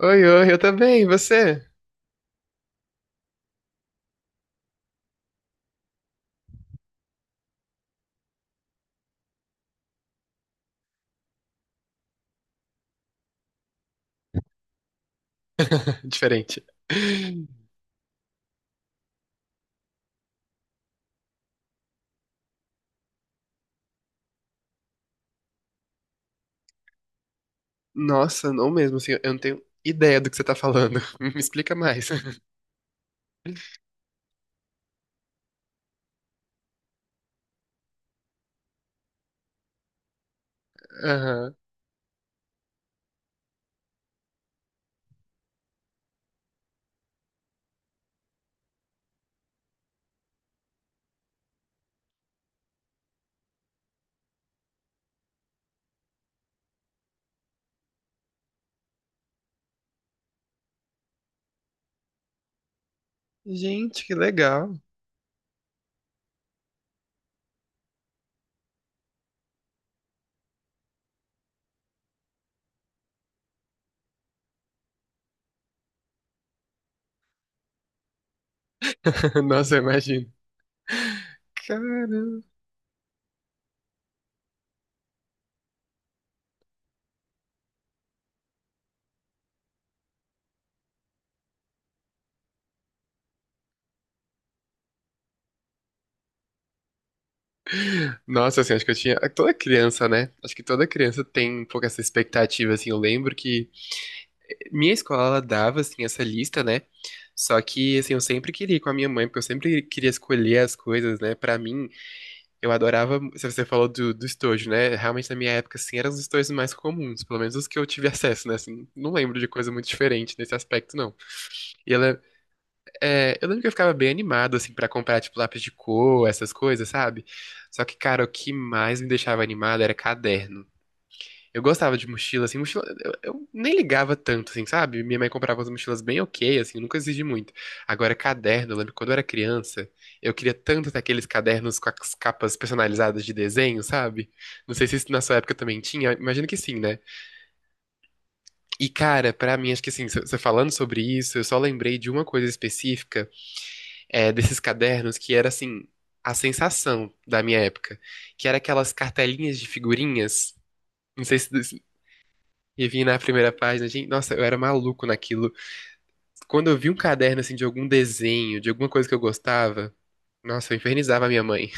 Oi, oi, eu também, e você? Diferente. Nossa, não mesmo, assim, eu não tenho ideia do que você tá falando. Me explica mais. Aham. Gente, que legal. Nossa, eu imagino. Caramba. Nossa, assim, acho que eu tinha. Toda criança, né? Acho que toda criança tem um pouco essa expectativa, assim. Eu lembro que minha escola, ela dava, assim, essa lista, né? Só que, assim, eu sempre queria ir com a minha mãe, porque eu sempre queria escolher as coisas, né, pra mim. Eu adorava, se você falou do estojo, né? Realmente na minha época, assim, eram os estojos mais comuns, pelo menos os que eu tive acesso, né? Assim, não lembro de coisa muito diferente nesse aspecto, não. E ela, eu lembro que eu ficava bem animado, assim, pra comprar, tipo, lápis de cor, essas coisas, sabe? Só que, cara, o que mais me deixava animado era caderno. Eu gostava de mochila, assim, mochila. Eu nem ligava tanto, assim, sabe? Minha mãe comprava as mochilas bem ok, assim, nunca exigi muito. Agora, caderno, eu lembro que quando eu era criança, eu queria tanto ter aqueles cadernos com as capas personalizadas de desenho, sabe? Não sei se isso na sua época também tinha, imagino que sim, né? E, cara, pra mim, acho que assim, você falando sobre isso, eu só lembrei de uma coisa específica, desses cadernos que era, assim, a sensação da minha época, que era aquelas cartelinhas de figurinhas. Não sei se, e vim na primeira página, gente, nossa, eu era maluco naquilo. Quando eu vi um caderno assim de algum desenho, de alguma coisa que eu gostava, nossa, eu infernizava a minha mãe.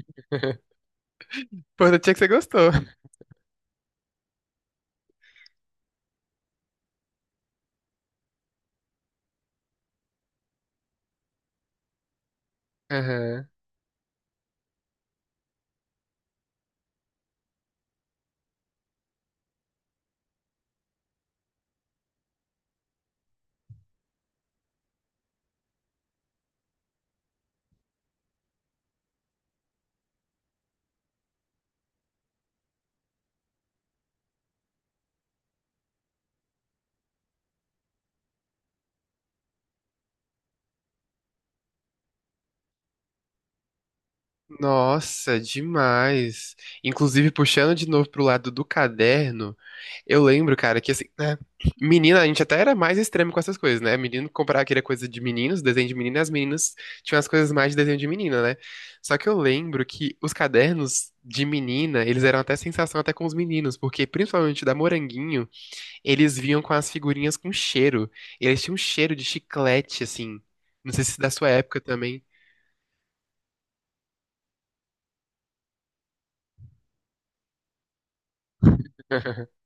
Importante é que você gostou. Aham. Nossa, demais. Inclusive, puxando de novo pro lado do caderno, eu lembro, cara, que assim, né? Menina, a gente até era mais extremo com essas coisas, né? Menino comprava aquela coisa de meninos, desenho de menina, e as meninas tinham as coisas mais de desenho de menina, né? Só que eu lembro que os cadernos de menina, eles eram até sensação até com os meninos, porque principalmente da Moranguinho, eles vinham com as figurinhas com cheiro. Eles tinham um cheiro de chiclete, assim. Não sei se da sua época também.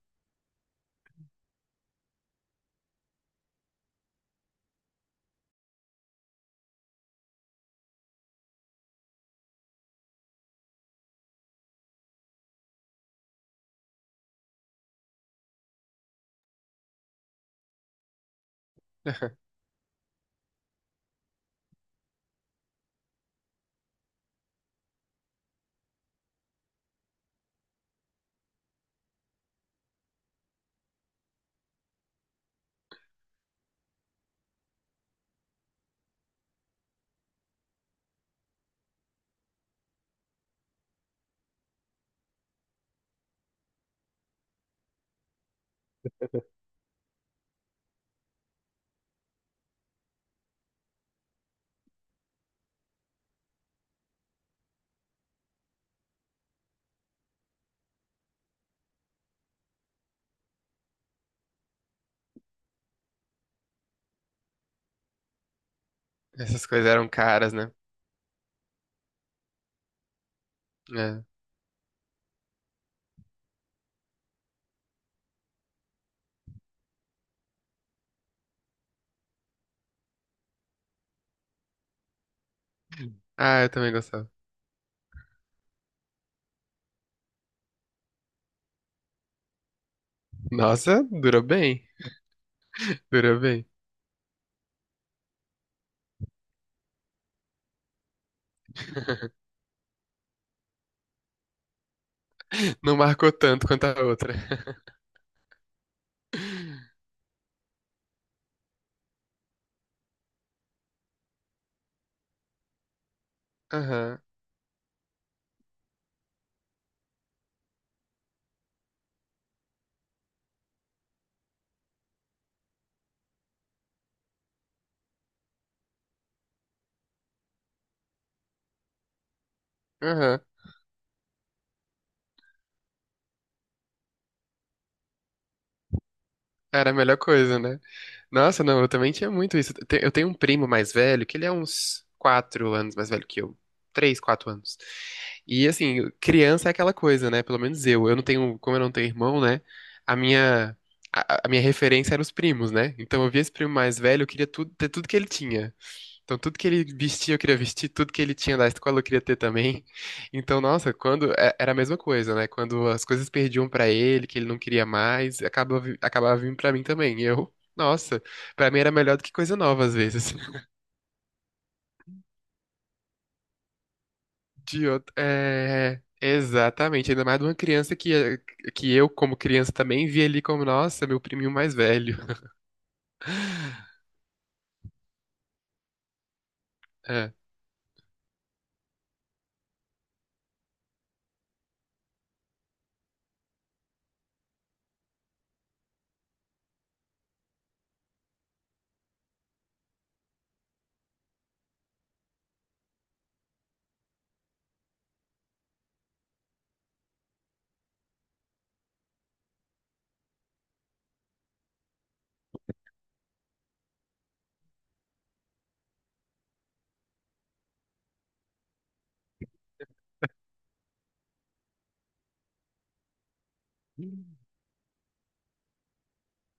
Essas coisas eram caras, né? É. Ah, eu também gostava. Nossa, durou bem. Durou bem. Não marcou tanto quanto a outra. Aham, aham. Era a melhor coisa, né? Nossa, não, eu também tinha muito isso. Te- Eu tenho um primo mais velho, que ele é uns 4 anos mais velho que eu. 3, 4 anos. E assim, criança é aquela coisa, né? Pelo menos eu. Eu não tenho, como eu não tenho irmão, né? A minha, a minha referência era os primos, né? Então eu via esse primo mais velho, eu queria tudo, ter tudo que ele tinha. Então, tudo que ele vestia, eu queria vestir, tudo que ele tinha da escola, eu queria ter também. Então, nossa, quando é- era a mesma coisa, né? Quando as coisas perdiam pra ele, que ele não queria mais, acabava, vi- acabava vindo pra mim também. E eu, nossa, pra mim era melhor do que coisa nova às vezes. De outro, é, exatamente, ainda mais de uma criança que eu, como criança, também via ali como, nossa, meu priminho mais velho. É.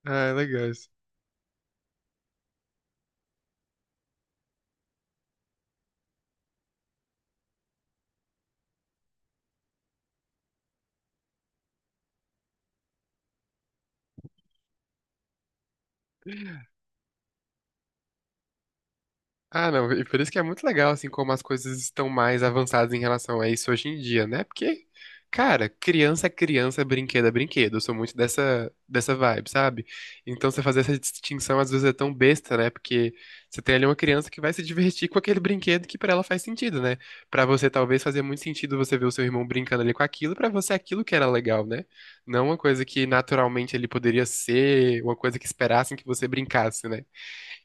Ah, é legal. Isso. Ah, não, e por isso que é muito legal, assim, como as coisas estão mais avançadas em relação a isso hoje em dia, né? Porque, cara, criança é criança, brinquedo é brinquedo. Eu sou muito dessa vibe, sabe? Então você fazer essa distinção às vezes é tão besta, né? Porque você tem ali uma criança que vai se divertir com aquele brinquedo que pra ela faz sentido, né? Pra você talvez fazer muito sentido você ver o seu irmão brincando ali com aquilo, pra você aquilo que era legal, né? Não uma coisa que naturalmente ele poderia ser, uma coisa que esperassem que você brincasse, né?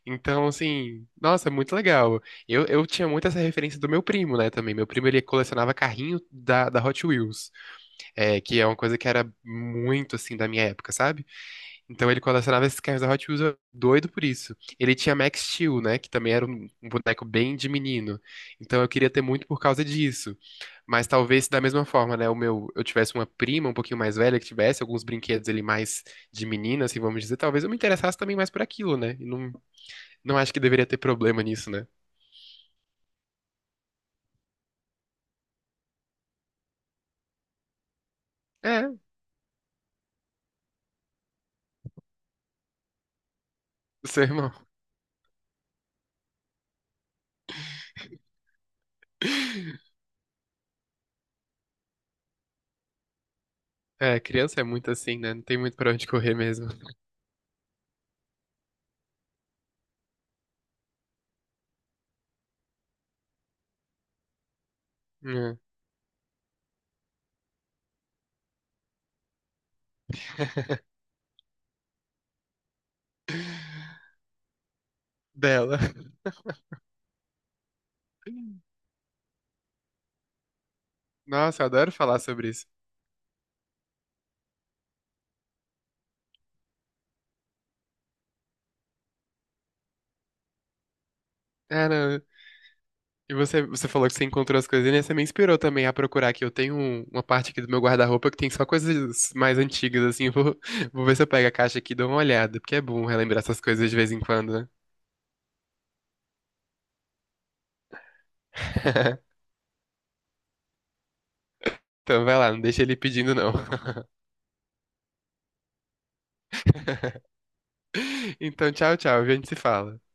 Então, assim, nossa, é muito legal. Eu tinha muito essa referência do meu primo, né, também. Meu primo, ele colecionava carrinho da Hot Wheels, que é uma coisa que era muito, assim, da minha época, sabe? Então, ele colecionava esses carrinhos da Hot Wheels, eu- doido por isso. Ele tinha Max Steel, né, que também era um, um boneco bem de menino. Então, eu queria ter muito por causa disso. Mas talvez, da mesma forma, né, o meu, eu tivesse uma prima um pouquinho mais velha que tivesse alguns brinquedos ali mais de menina, assim, vamos dizer, talvez eu me interessasse também mais por aquilo, né? E não não acho que deveria ter problema nisso, né? É, seu irmão. É, criança é muito assim, né? Não tem muito pra onde correr mesmo. É. Dela. Nossa, eu adoro falar sobre isso. É, não. E você, você falou que você encontrou as coisas, né? Você me inspirou também a procurar aqui. Eu tenho um- uma parte aqui do meu guarda-roupa que tem só coisas mais antigas, assim. Eu vou, vou ver se eu pego a caixa aqui e dou uma olhada, porque é bom relembrar essas coisas de vez em quando, né? Então vai lá, não deixa ele pedindo, não. Então, tchau, tchau. A gente se fala.